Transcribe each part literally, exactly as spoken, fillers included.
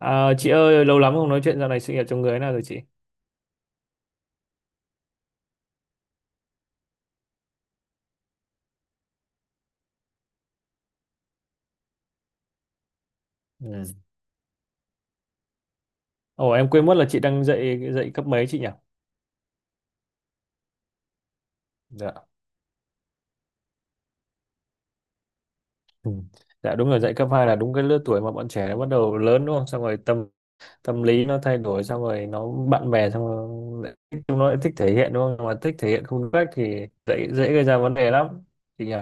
À, chị ơi, lâu lắm không nói chuyện, dạo này sự nghiệp trong người thế nào rồi chị? Ừ. Ồ, em quên mất là chị đang dạy dạy cấp mấy chị nhỉ? Dạ. Ừ. Dạ đúng rồi, dạy cấp hai là đúng cái lứa tuổi mà bọn trẻ nó bắt đầu lớn đúng không? Xong rồi tâm tâm lý nó thay đổi, xong rồi nó bạn bè xong rồi lại- thích- chúng nó lại thích thể hiện đúng không? Mà thích thể hiện không đúng cách thì dễ dễ gây ra vấn đề lắm chị nhỉ?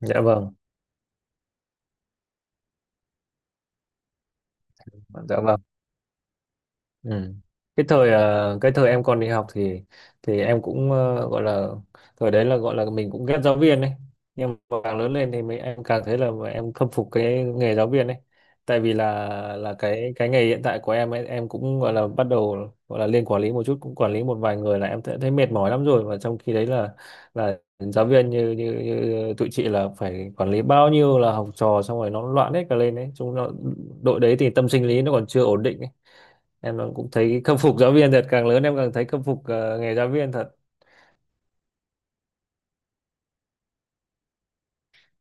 Dạ vâng. Dạ vâng. Ừ. Cái thời ờ, cái thời em còn đi học thì thì em cũng ờ, gọi là thời đấy là gọi là mình cũng ghét giáo viên đấy, nhưng mà càng lớn lên thì mình em càng thấy là mà em khâm phục cái nghề giáo viên đấy, tại vì là là cái cái nghề hiện tại của em ấy, em cũng gọi là bắt đầu gọi là lên quản lý một chút, cũng quản lý một vài người là em thấy, thấy mệt mỏi lắm rồi, và trong khi đấy là là giáo viên như, như, như tụi chị là phải quản lý bao nhiêu là học trò, xong rồi nó loạn hết cả lên đấy, chúng nó đội đấy thì tâm sinh lý nó còn chưa ổn định ấy. Em cũng thấy khâm phục giáo viên thật, càng lớn em càng thấy khâm phục ờ, nghề giáo viên thật.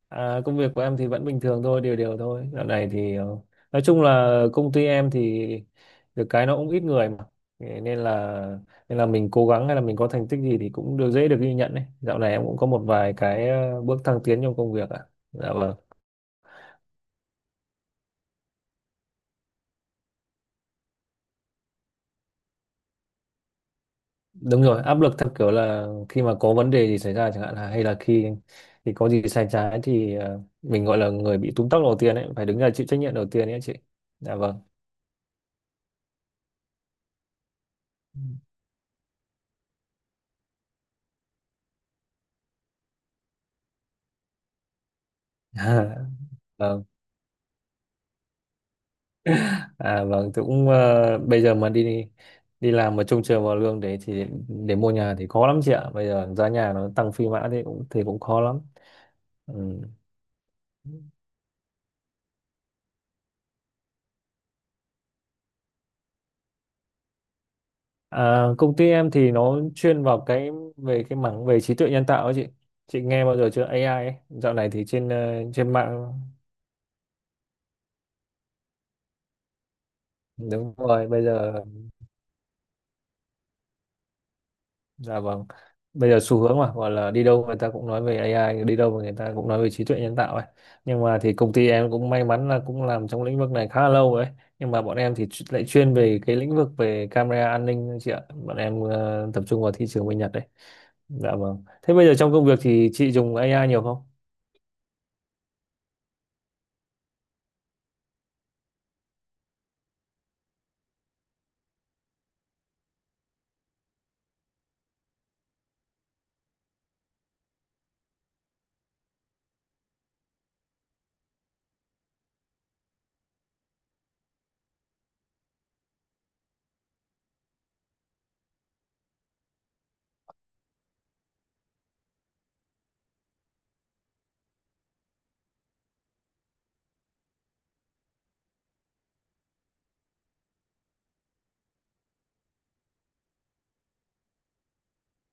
à, công việc của em thì vẫn bình thường thôi, đều đều thôi, dạo này thì ờ, nói chung là công ty em thì được cái nó cũng ít người mà. Thế nên là nên là mình cố gắng hay là mình có thành tích gì thì cũng được, dễ được ghi nhận đấy. Dạo này em cũng có một vài cái ờ, bước thăng tiến trong công việc ạ. Dạ vâng, đúng rồi, áp lực theo kiểu là khi mà có vấn đề gì xảy ra chẳng hạn, là hay là khi thì có gì sai trái thì ờ, mình gọi là người bị túm tóc đầu tiên ấy, phải đứng ra chịu trách nhiệm đầu tiên ấy chị. Dạ vâng. Vâng, à vâng, tôi cũng ờ, bây giờ mà đi đi làm mà trông chờ vào lương đấy thì để mua nhà thì khó lắm chị ạ. Bây giờ giá nhà nó tăng phi mã thì cũng thì cũng khó lắm. Ừ. À, công ty em thì nó chuyên vào cái về cái mảng về trí tuệ nhân tạo ấy chị. Chị nghe bao giờ chưa a i ấy. Dạo này thì trên ờ, trên mạng đúng rồi, bây giờ. Dạ vâng. Bây giờ xu hướng mà gọi là đi đâu người ta cũng nói về a i, đi đâu mà người ta cũng nói về trí tuệ nhân tạo ấy. Nhưng mà thì công ty em cũng may mắn là cũng làm trong lĩnh vực này khá là lâu rồi ấy. Nhưng mà bọn em thì chu- lại chuyên về cái lĩnh vực về camera an ninh ấy chị ạ. Bọn em ờ, tập trung vào thị trường bên Nhật đấy. Dạ vâng. Thế bây giờ trong công việc thì chị dùng a i nhiều không?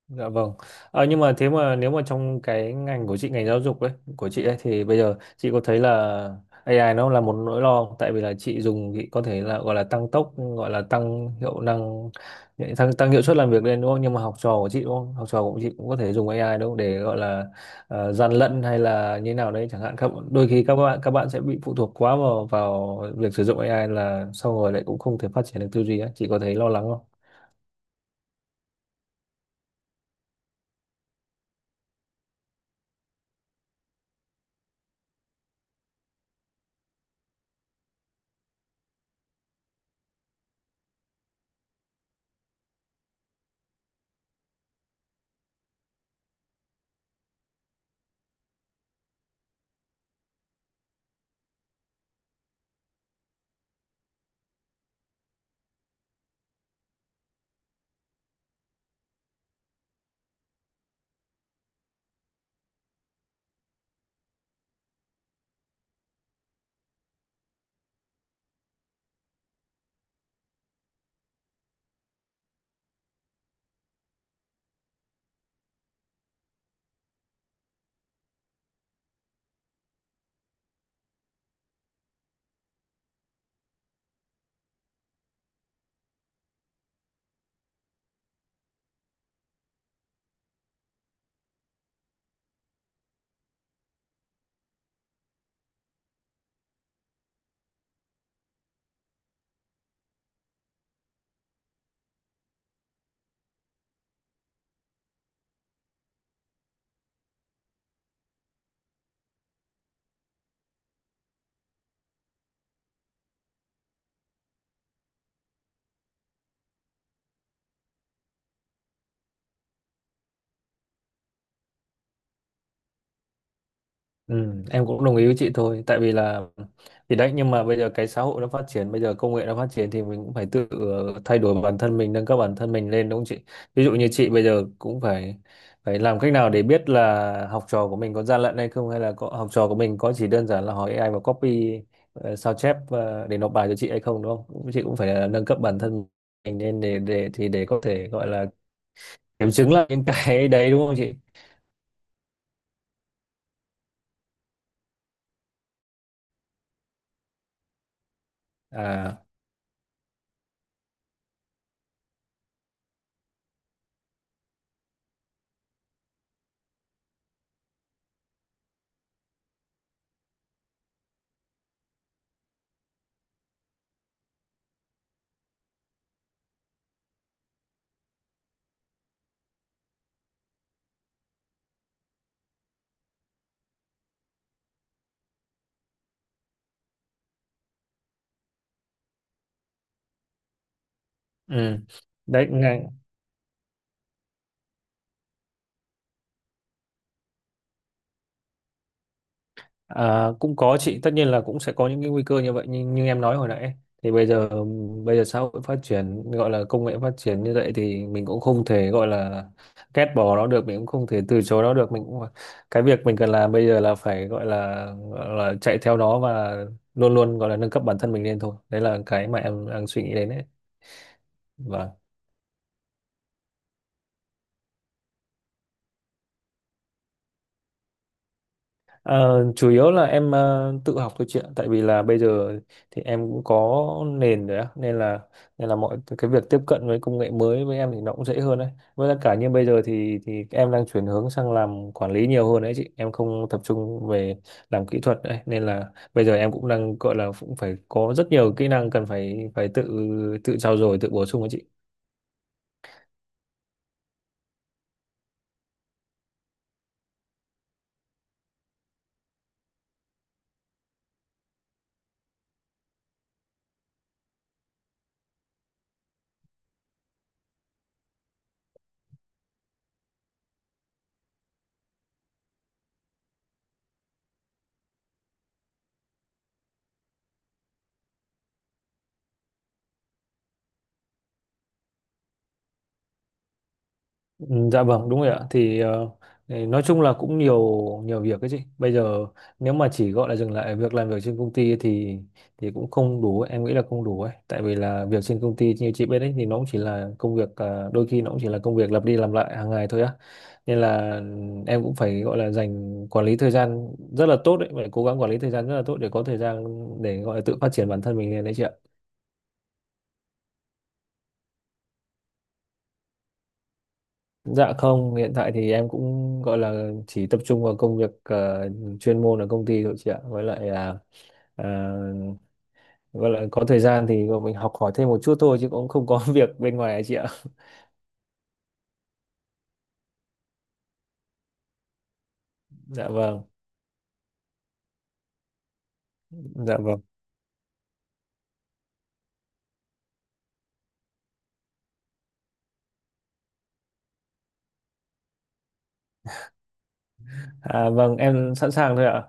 Dạ vâng. Ờ, nhưng mà thế mà nếu mà trong cái ngành của chị, ngành giáo dục ấy, của chị ấy, thì bây giờ chị có thấy là a i nó là một nỗi lo không? Tại vì là chị dùng thì có thể là gọi là tăng tốc, gọi là tăng hiệu năng, tăng, tăng hiệu suất làm việc lên đúng không? Nhưng mà học trò của chị đúng không? Học trò của chị cũng có thể dùng a i đúng không? Để gọi là ờ, gian lận hay là như nào đấy chẳng hạn, các, đôi khi các bạn các bạn sẽ bị phụ thuộc quá vào vào việc sử dụng a i, là sau rồi lại cũng không thể phát triển được tư duy ấy. Chị có thấy lo lắng không? Ừ, em cũng đồng ý với chị thôi, tại vì là thì đấy, nhưng mà bây giờ cái xã hội nó phát triển, bây giờ công nghệ nó phát triển thì mình cũng phải tự ờ, thay đổi bản thân mình, nâng cấp bản thân mình lên đúng không chị. Ví dụ như chị bây giờ cũng phải phải làm cách nào để biết là học trò của mình có gian lận hay không, hay là có, học trò của mình có chỉ đơn giản là hỏi a i và copy, ờ, sao chép ờ, để nộp bài cho chị hay không, đúng không chị cũng phải là nâng cấp bản thân mình lên để để thì để có thể gọi là kiểm chứng lại những cái đấy đúng không chị. À ừ đấy. À, cũng có chị, tất nhiên là cũng sẽ có những cái nguy cơ như vậy, nhưng như em nói hồi nãy thì bây giờ, bây giờ xã hội phát triển, gọi là công nghệ phát triển như vậy thì mình cũng không thể gọi là ghét bỏ nó được, mình cũng không thể từ chối nó được, mình cũng cái việc mình cần làm bây giờ là phải gọi là, gọi là chạy theo nó và luôn luôn gọi là nâng cấp bản thân mình lên thôi, đấy là cái mà em đang suy nghĩ đến đấy. Ờ, chủ yếu là em ờ, tự học thôi chị ạ, tại vì là bây giờ thì em cũng có nền rồi á, nên là nên là mọi cái việc tiếp cận với công nghệ mới với em thì nó cũng dễ hơn đấy. Với lại cả như bây giờ thì thì em đang chuyển hướng sang làm quản lý nhiều hơn đấy chị, em không tập trung về làm kỹ thuật đấy, nên là bây giờ em cũng đang gọi là cũng phải có rất nhiều kỹ năng cần phải phải tự tự trau dồi, tự bổ sung đấy chị. Ừ, dạ vâng đúng rồi ạ, thì ờ, thì nói chung là cũng nhiều nhiều việc ấy chị. Bây giờ nếu mà chỉ gọi là dừng lại việc làm việc trên công ty thì thì cũng không đủ, em nghĩ là không đủ ấy, tại vì là việc trên công ty như chị biết ấy thì nó cũng chỉ là công việc ờ, đôi khi nó cũng chỉ là công việc lặp đi lặp lại hàng ngày thôi á. Nên là ừ, em cũng phải gọi là dành quản lý thời gian rất là tốt đấy, phải cố gắng quản lý thời gian rất là tốt để có thời gian để gọi là tự phát triển bản thân mình lên đấy chị ạ. Dạ không, hiện tại thì em cũng gọi là chỉ tập trung vào công việc ờ, chuyên môn ở công ty thôi chị ạ. Với lại là ờ, gọi là có thời gian thì mình học hỏi thêm một chút thôi chứ cũng không có việc bên ngoài ấy chị ạ. Dạ vâng, dạ vâng. À vâng, em sẵn sàng thôi ạ.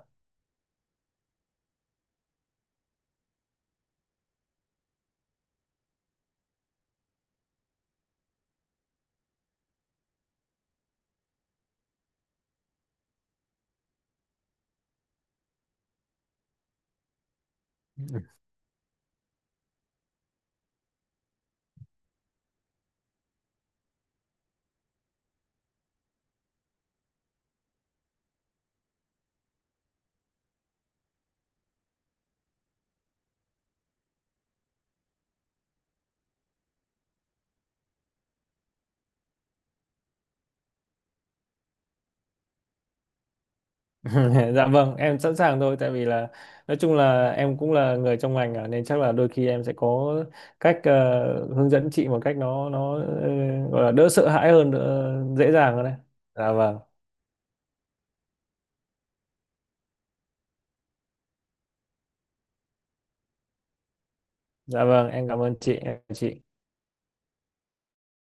Dạ vâng, em sẵn sàng thôi, tại vì là nói chung là em cũng là người trong ngành à, nên chắc là đôi khi em sẽ có cách ờ, hướng dẫn chị một cách nó nó ờ, gọi là đỡ sợ hãi hơn, đỡ, dễ dàng hơn đấy. Dạ vâng. Dạ vâng, em cảm ơn chị, em chào chị.